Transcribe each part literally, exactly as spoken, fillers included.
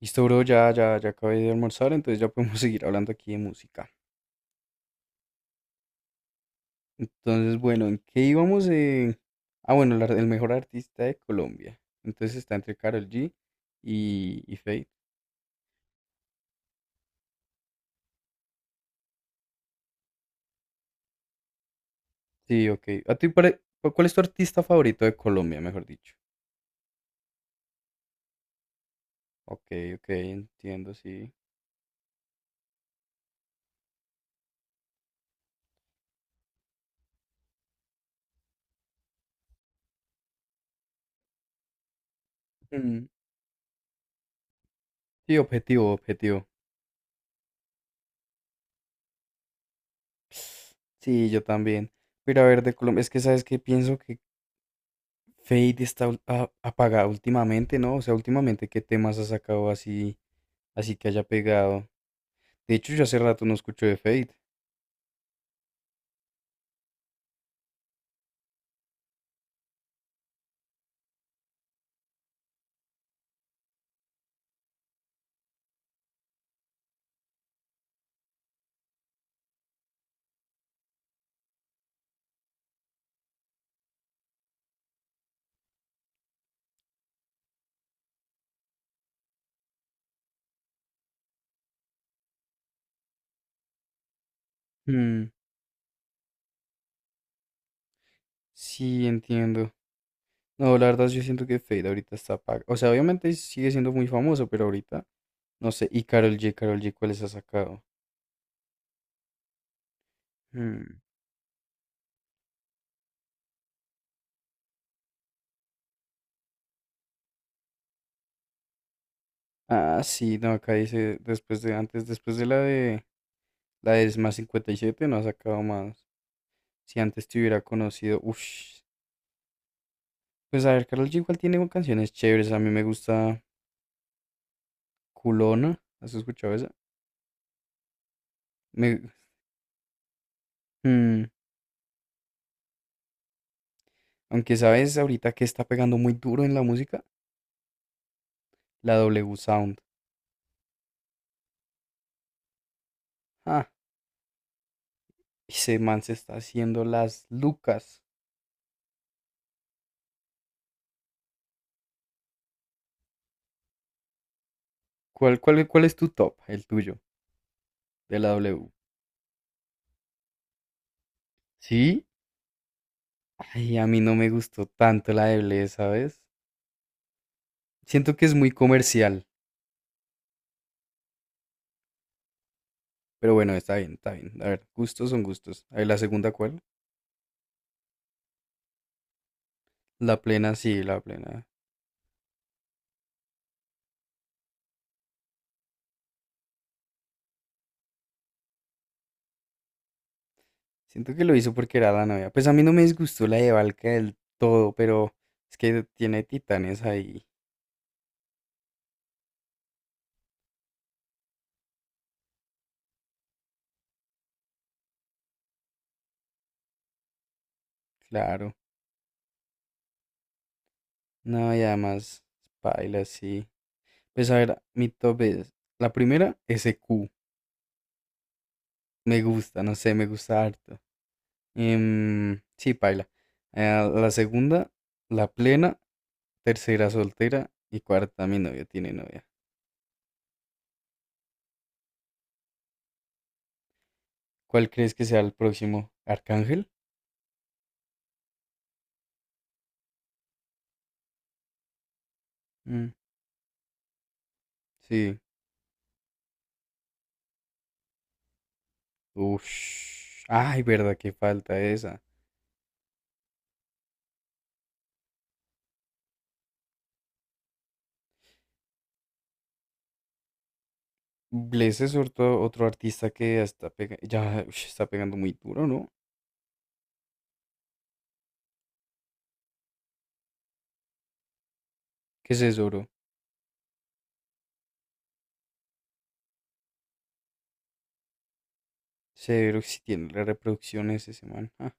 Listo, bro, ya, ya, ya acabé de almorzar, entonces ya podemos seguir hablando aquí de música. Entonces, bueno, ¿en qué íbamos? Eh, Ah, bueno, la- el mejor artista de Colombia. Entonces está entre Karol G y, y Feid. Sí, ok. ¿A ti pare- cu- cuál es tu artista favorito de Colombia, mejor dicho? Ok, ok, entiendo, sí. Mm, sí, objetivo, objetivo. Sí, yo también. Pero a ver, de Colombia, es que sabes que pienso que Fade está ul- a- apagado últimamente, ¿no? O sea, últimamente, ¿qué temas ha sacado así? Así que haya pegado. De hecho, yo hace rato no escucho de Fade. Hmm, sí, entiendo. No, la verdad, yo siento que Fade ahorita está apagado. O sea, obviamente sigue siendo muy famoso, pero ahorita no sé. Y Karol G, Karol G, ¿cuáles ha sacado? Hmm, ah, sí, no, acá dice después de antes, después de la de la de Más cincuenta y siete, no ha sacado más. Si antes te hubiera conocido, uff. Pues a ver, Karol G igual tiene canciones chéveres. A mí me gusta Culona. ¿Has escuchado esa? Me, mm, Aunque sabes ahorita que está pegando muy duro en la música, la W Sound. Ah, ese man se está haciendo las lucas. ¿Cuál, cuál, cuál es tu top? El tuyo, de la W. ¿Sí? Ay, a mí no me gustó tanto la de Bless, ¿sabes? Siento que es muy comercial, pero bueno, está bien, está bien. A ver, gustos son gustos. A ver, la segunda, ¿cuál? La plena, sí, la plena. Siento que lo hizo porque era la novia. Pues a mí no me disgustó la de Valka del todo, pero es que tiene titanes ahí, claro. No, y además, baila, sí. Pues a ver, mi top es. La primera, S q. Me gusta, no sé, me gusta harto. Em, sí, paila. Eh, la segunda, la plena. Tercera, soltera. Y cuarta, mi novio tiene novia. ¿Cuál crees que sea el próximo? ¿Arcángel? Mm, sí. Ush. Ay, verdad, que falta esa. Bless es otro, otro artista que ya está, pega- ya, ush, está pegando muy duro, ¿no? ¿Qué es eso, bro? Severo que si tiene las reproducciones ese man. Ah,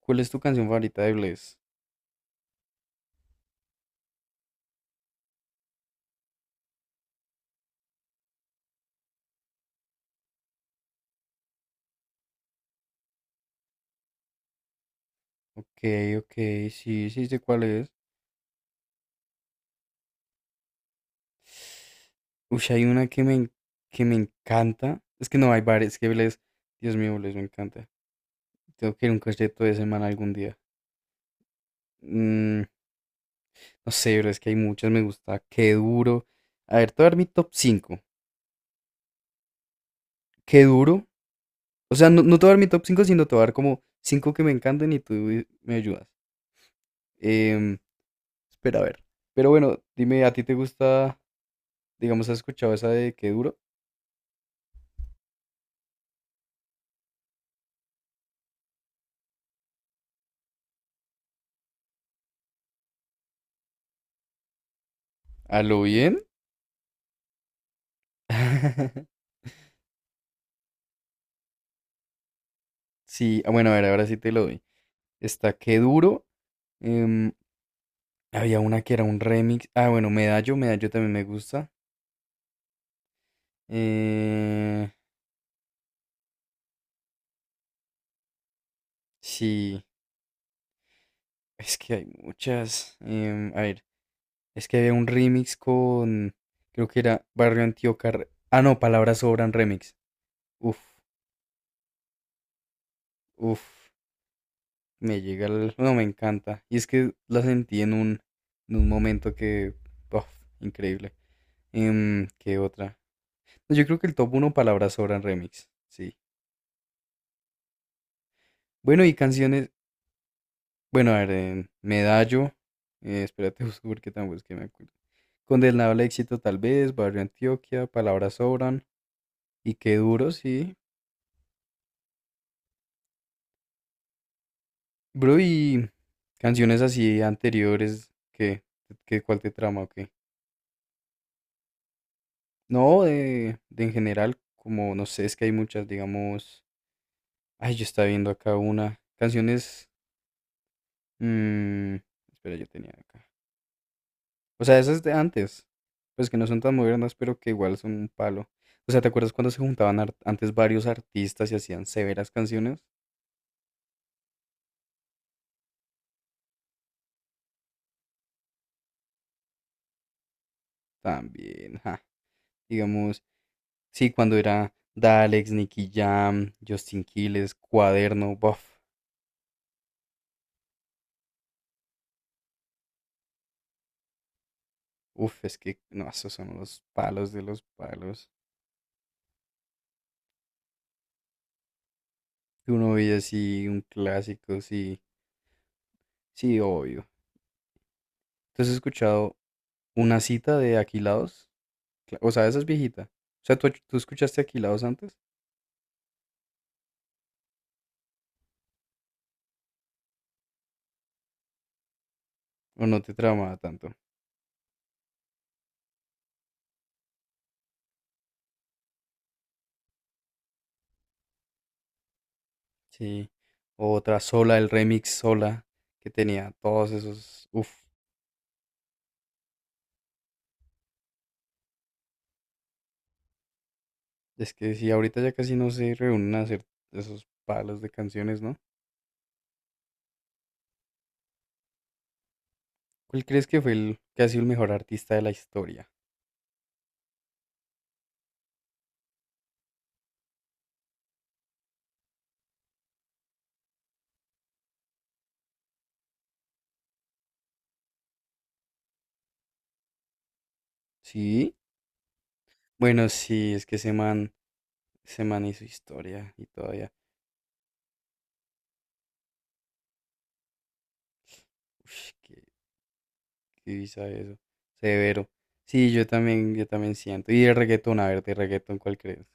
¿cuál es tu canción favorita de Bless? Ok, ok, sí, sí sé cuál es. Uy, hay una que me, en- que me encanta. Es que no hay varias, es que Bless, Dios mío, Bless me encanta. Tengo que ir a un concierto de semana algún día. Mm, no sé, pero es que hay muchas, me gusta. Qué duro. A ver, te voy a dar mi top cinco. Qué duro. O sea, no, no te voy a dar mi top cinco sino te voy a dar como cinco que me encantan y tú me ayudas. Em, Espera a ver. Pero bueno, dime, ¿a ti te gusta, digamos, has escuchado esa de Qué duro? ¿A lo bien? Sí, ah, bueno, a ver, ahora sí te lo doy. Está Qué duro. em, había una que era un remix. Ah, bueno, Medallo, Medallo también me gusta. Eh, sí, es que hay muchas. em, a ver, es que había un remix con, creo que era Barrio Antioquia. Re- Ah, no, Palabras Sobran Remix. Uf, uf. Me llega el... No, me encanta. Y es que la sentí en un, en un momento que... uf, increíble. Em, ¿qué otra? Yo creo que el top uno palabras sobran remix. Sí. Bueno, y canciones... Bueno, a ver, em, Medallo. eh, espérate, busco porque tampoco es que me acuerdo. Condenado al éxito tal vez, Barrio Antioquia, Palabras sobran. Y qué duro, sí. Bro, y canciones así anteriores, ¿qué? ¿Qué cuál te trama o qué? No, de, de en general, como no sé, es que hay muchas, digamos. Ay, yo estaba viendo acá una. Canciones. mm, espera, yo tenía acá. O sea, esas de antes. Pues que no son tan modernas, pero que igual son un palo. O sea, ¿te acuerdas cuando se juntaban ar- antes varios artistas y hacían severas canciones? También, ja. Digamos, sí, cuando era Dalex, Nicky Jam, Justin Quiles, Cuaderno, Buff. Uf, es que no, esos son los palos de los palos. Que uno veía así, un clásico, sí, sí, obvio. Entonces he escuchado una cita de Aquilados, Cla- o sea, esa es viejita. O sea, ¿tú, tú escuchaste Aquilados antes? ¿O no te tramaba tanto? Sí. O Otra sola, el remix sola, que tenía todos esos, uf, es que sí, ahorita ya casi no se reúnen a hacer esos palos de canciones, ¿no? ¿Cuál crees que fue el que ha sido el mejor artista de la historia? Sí. Bueno, sí, es que ese man, ese man hizo historia y todavía. Ush, qué. Sí, sabe eso. Severo. Sí, yo también, yo también siento. Y el reggaetón, a ver, de reggaetón, ¿cuál crees?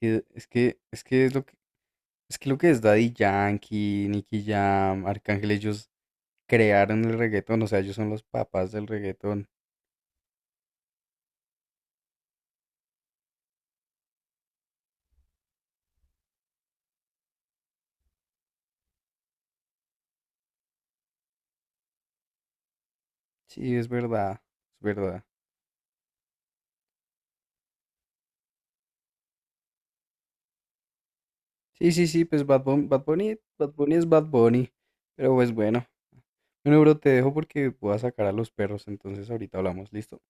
Y Es que, es que es lo que, es que lo que es Daddy Yankee, Nicky Jam, Arcángel, ellos crearon el reggaetón, o sea, ellos son los papás del reggaetón. Sí, es verdad, es verdad. Sí, sí, sí, pues Bad Bunny, Bad Bunny, Bad Bunny es Bad Bunny. Pero pues bueno. Bueno, bro, te dejo porque voy a sacar a los perros, entonces ahorita hablamos, ¿listo?